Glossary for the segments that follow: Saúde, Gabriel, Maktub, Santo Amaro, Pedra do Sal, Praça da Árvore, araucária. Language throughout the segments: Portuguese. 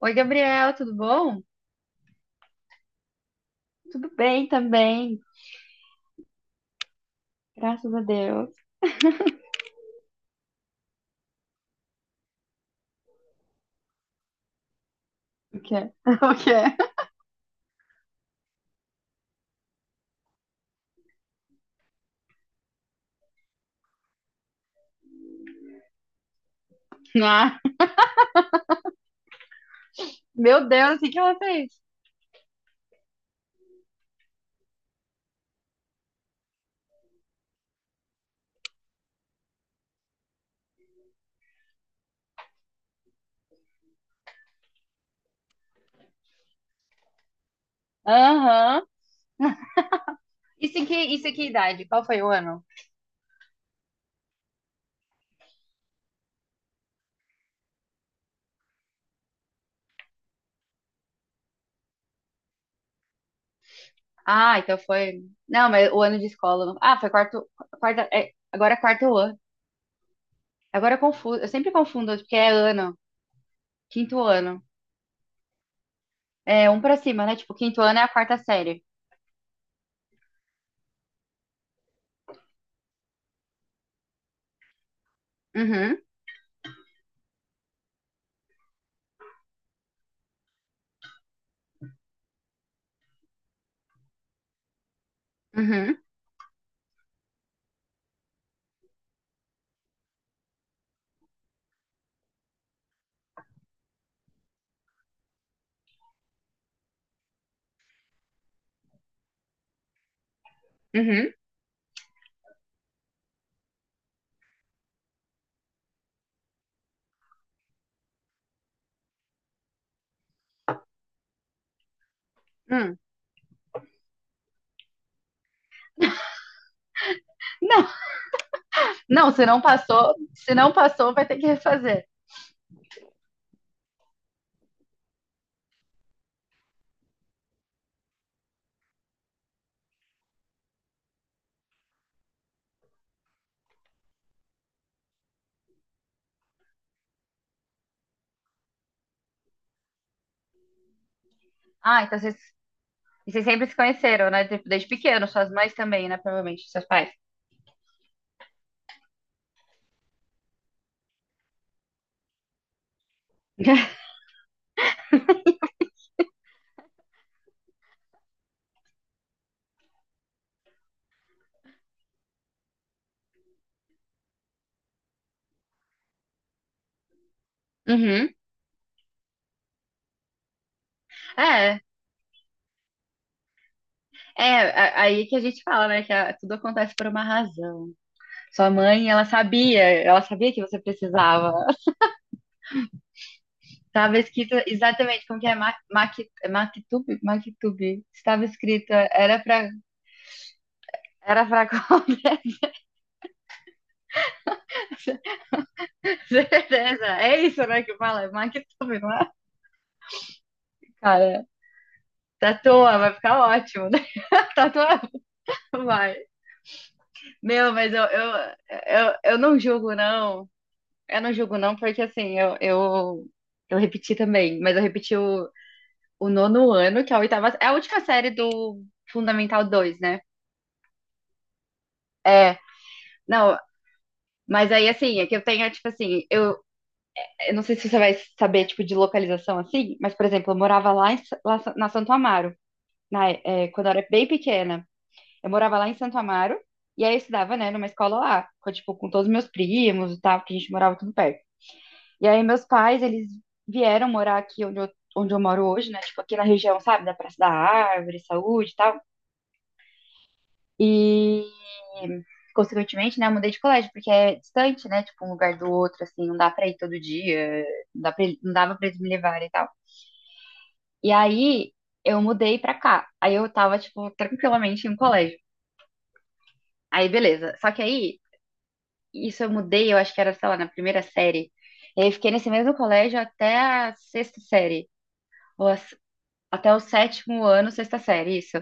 Oi, Gabriel, tudo bom? Tudo bem também, graças a Deus. O que é? O que é? Ah. Meu Deus, o que que ela fez? Aham. Isso em que idade? Qual foi o ano? Ah, então foi. Não, mas o ano de escola. Ah, foi quarto. Quarta, é, agora é quarto ano. Agora eu confundo. Eu sempre confundo, porque é ano. Quinto ano. É um pra cima, né? Tipo, quinto ano é a quarta série. Uhum, uhum, uhum. Hum. Não, não, se não passou, se não passou, vai ter que refazer. Ah, então você e vocês sempre se conheceram, né? Tipo, desde pequeno, suas mães também, né? Provavelmente, seus pais. Uhum. É, é, aí que a gente fala, né? Tudo acontece por uma razão. Sua mãe, ela sabia que você precisava. Estava escrito exatamente como que é é Maktub, Maktub. Estava escrito, era pra qualquer. Certeza. É isso, né? Que fala, é Maktub, não é? Cara, tatua, vai ficar ótimo, né? Tatua, vai. Meu, mas eu não julgo, não. Eu não julgo, não, porque assim, eu repeti também, mas o nono ano, que é a oitava, é a última série do Fundamental dois, né? É, não, mas aí assim, é que eu tenho, tipo assim, eu não sei se você vai saber, tipo, de localização assim, mas, por exemplo, eu morava lá, em, na Santo Amaro, na, é, quando eu era bem pequena. Eu morava lá em Santo Amaro, e aí eu estudava, né, numa escola lá, com, tipo, com todos os meus primos e tal, que a gente morava tudo perto. E aí meus pais, eles vieram morar aqui onde eu moro hoje, né? Tipo, aqui na região, sabe? Da Praça da Árvore, Saúde e tal. E, consequentemente, né? Eu mudei de colégio, porque é distante, né? Tipo, um lugar do outro, assim. Não dá pra ir todo dia. Não dá pra, não dava pra eles me levarem e tal. E aí, eu mudei pra cá. Aí eu tava, tipo, tranquilamente em um colégio. Aí, beleza. Só que aí, isso eu mudei, eu acho que era, sei lá, na primeira série. E aí, eu fiquei nesse mesmo colégio até a sexta série. Ou a Até o sétimo ano, sexta série, isso.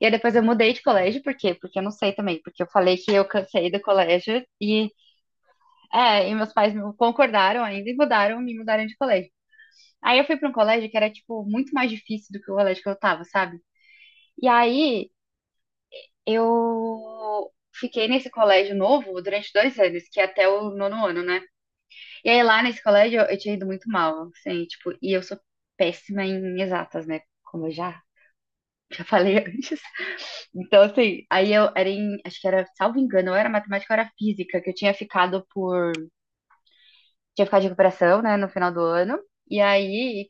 E aí depois eu mudei de colégio, por quê? Porque eu não sei também, porque eu falei que eu cansei do colégio e, é, e meus pais não concordaram ainda me mudaram de colégio. Aí eu fui para um colégio que era, tipo, muito mais difícil do que o colégio que eu tava, sabe? E aí eu fiquei nesse colégio novo durante 2 anos, que é até o nono ano, né? E aí lá nesse colégio eu tinha ido muito mal, assim, tipo, e eu sou péssima em exatas, né? Como eu já falei antes. Então, assim, aí eu era em, acho que era, salvo engano, ou era matemática ou era física, que eu tinha ficado por, tinha ficado de recuperação, né, no final do ano. E aí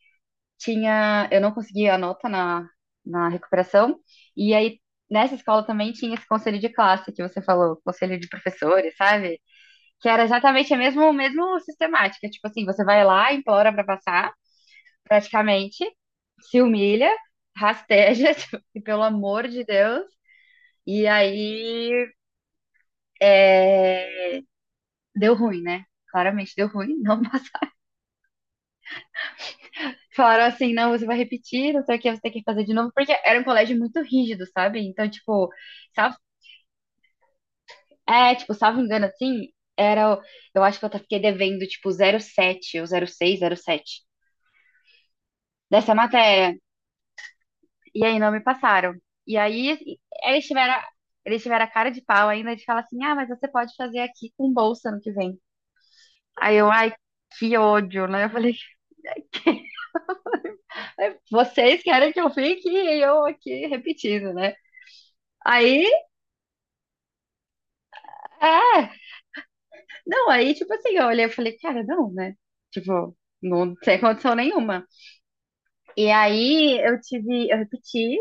tinha, eu não conseguia a nota na recuperação. E aí nessa escola também tinha esse conselho de classe que você falou, conselho de professores, sabe? Que era exatamente a mesmo sistemática, tipo assim, você vai lá, implora pra passar, praticamente, se humilha, rasteja, tipo, e pelo amor de Deus. E aí é, deu ruim, né? Claramente deu ruim, não passaram. Falaram assim, não, você vai repetir, não sei o que, você tem que fazer de novo, porque era um colégio muito rígido, sabe? Então, tipo, salvo, é, tipo, salvo engano, assim, era, eu acho que eu até fiquei devendo, tipo, 07 ou 06, sete dessa matéria. E aí não me passaram. E aí eles tiveram, eles tiveram a cara de pau ainda de falar assim, ah, mas você pode fazer aqui com bolsa no que vem. Aí eu, ai, que ódio, né? Eu falei, vocês querem que eu fique e eu aqui repetindo, né? Aí, é. Não, aí, tipo assim, eu olhei e falei, cara, não, né? Tipo, não sem condição nenhuma. E aí eu repeti,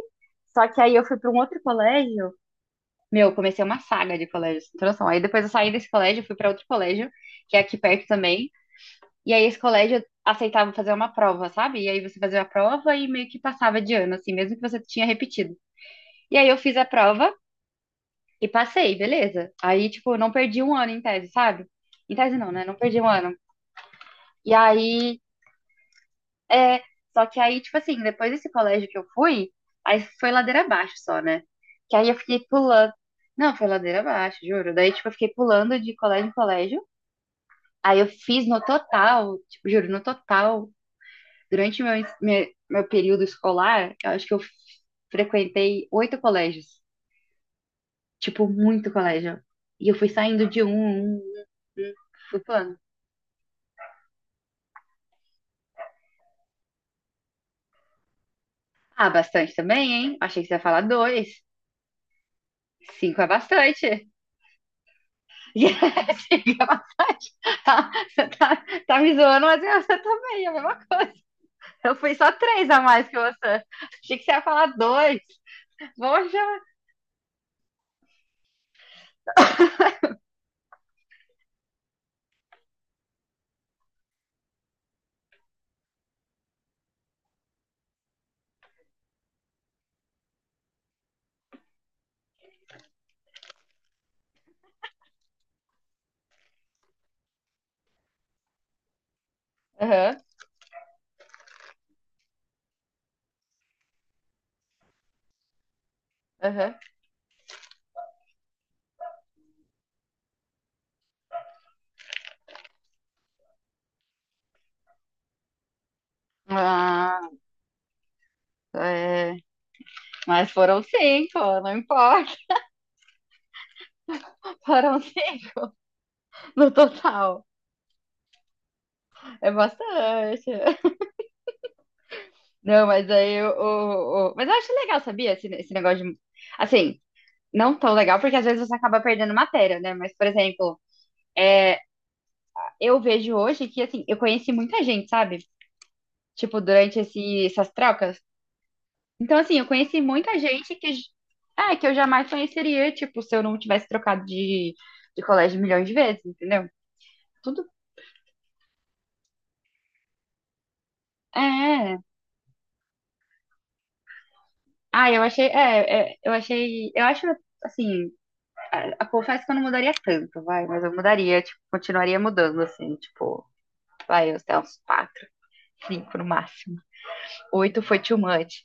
só que aí eu fui para um outro colégio. Meu, eu comecei uma saga de colégios, sem noção. Aí depois eu saí desse colégio, fui para outro colégio, que é aqui perto também. E aí esse colégio aceitava fazer uma prova, sabe? E aí você fazia a prova e meio que passava de ano, assim, mesmo que você tinha repetido. E aí eu fiz a prova e passei, beleza. Aí, tipo, eu não perdi um ano em tese, sabe? Em tese não, né? Não perdi um ano. E aí, é. Só que aí, tipo assim, depois desse colégio que eu fui, aí foi ladeira abaixo só, né? Que aí eu fiquei pulando. Não, foi ladeira abaixo, juro. Daí, tipo, eu fiquei pulando de colégio em colégio. Aí eu fiz no total, tipo, juro, no total, durante meu período escolar, eu acho que eu frequentei 8 colégios. Tipo, muito colégio. E eu fui saindo de um, fui pulando. Ah, bastante também, hein? Achei que você ia falar dois. Cinco é bastante. Yes, cinco é bastante. Tá, você tá, tá me zoando, mas é você também, é a mesma coisa. Eu fui só três a mais que você. Achei que você ia falar dois. Poxa. Aham, aham. Ah, é. Mas foram cinco, não importa. Foram cinco no total. É bastante. Não, mas aí mas eu acho legal, sabia? Esse negócio de. Assim. Não tão legal, porque às vezes você acaba perdendo matéria, né? Mas, por exemplo, é, eu vejo hoje que, assim, eu conheci muita gente, sabe? Tipo, durante essas trocas. Então, assim, eu conheci muita gente que, é, que eu jamais conheceria, tipo, se eu não tivesse trocado de colégio milhões de vezes, entendeu? Tudo. É. é. Ah, eu achei. É, é, eu achei. Eu acho, assim, eu confesso que eu não mudaria tanto, vai, mas eu mudaria, tipo, continuaria mudando, assim, tipo, vai, eu até uns quatro, cinco no máximo. Oito foi too much.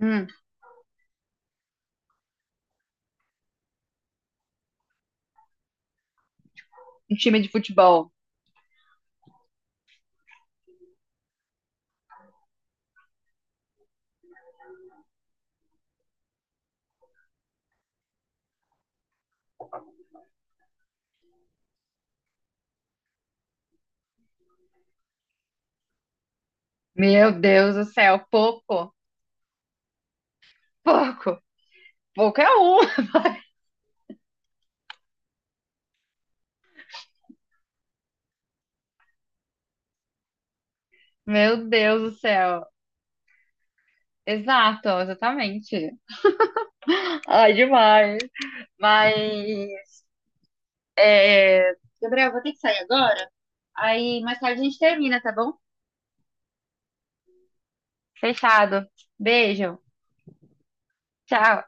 Hum. Um time de futebol. Meu Deus do céu, pouco, pouco, pouco é um. Meu Deus do céu. Exato, exatamente. Ai, demais. Mas, é... Gabriel, vou ter que sair agora. Aí mais tarde a gente termina, tá bom? Fechado. Beijo. Tchau.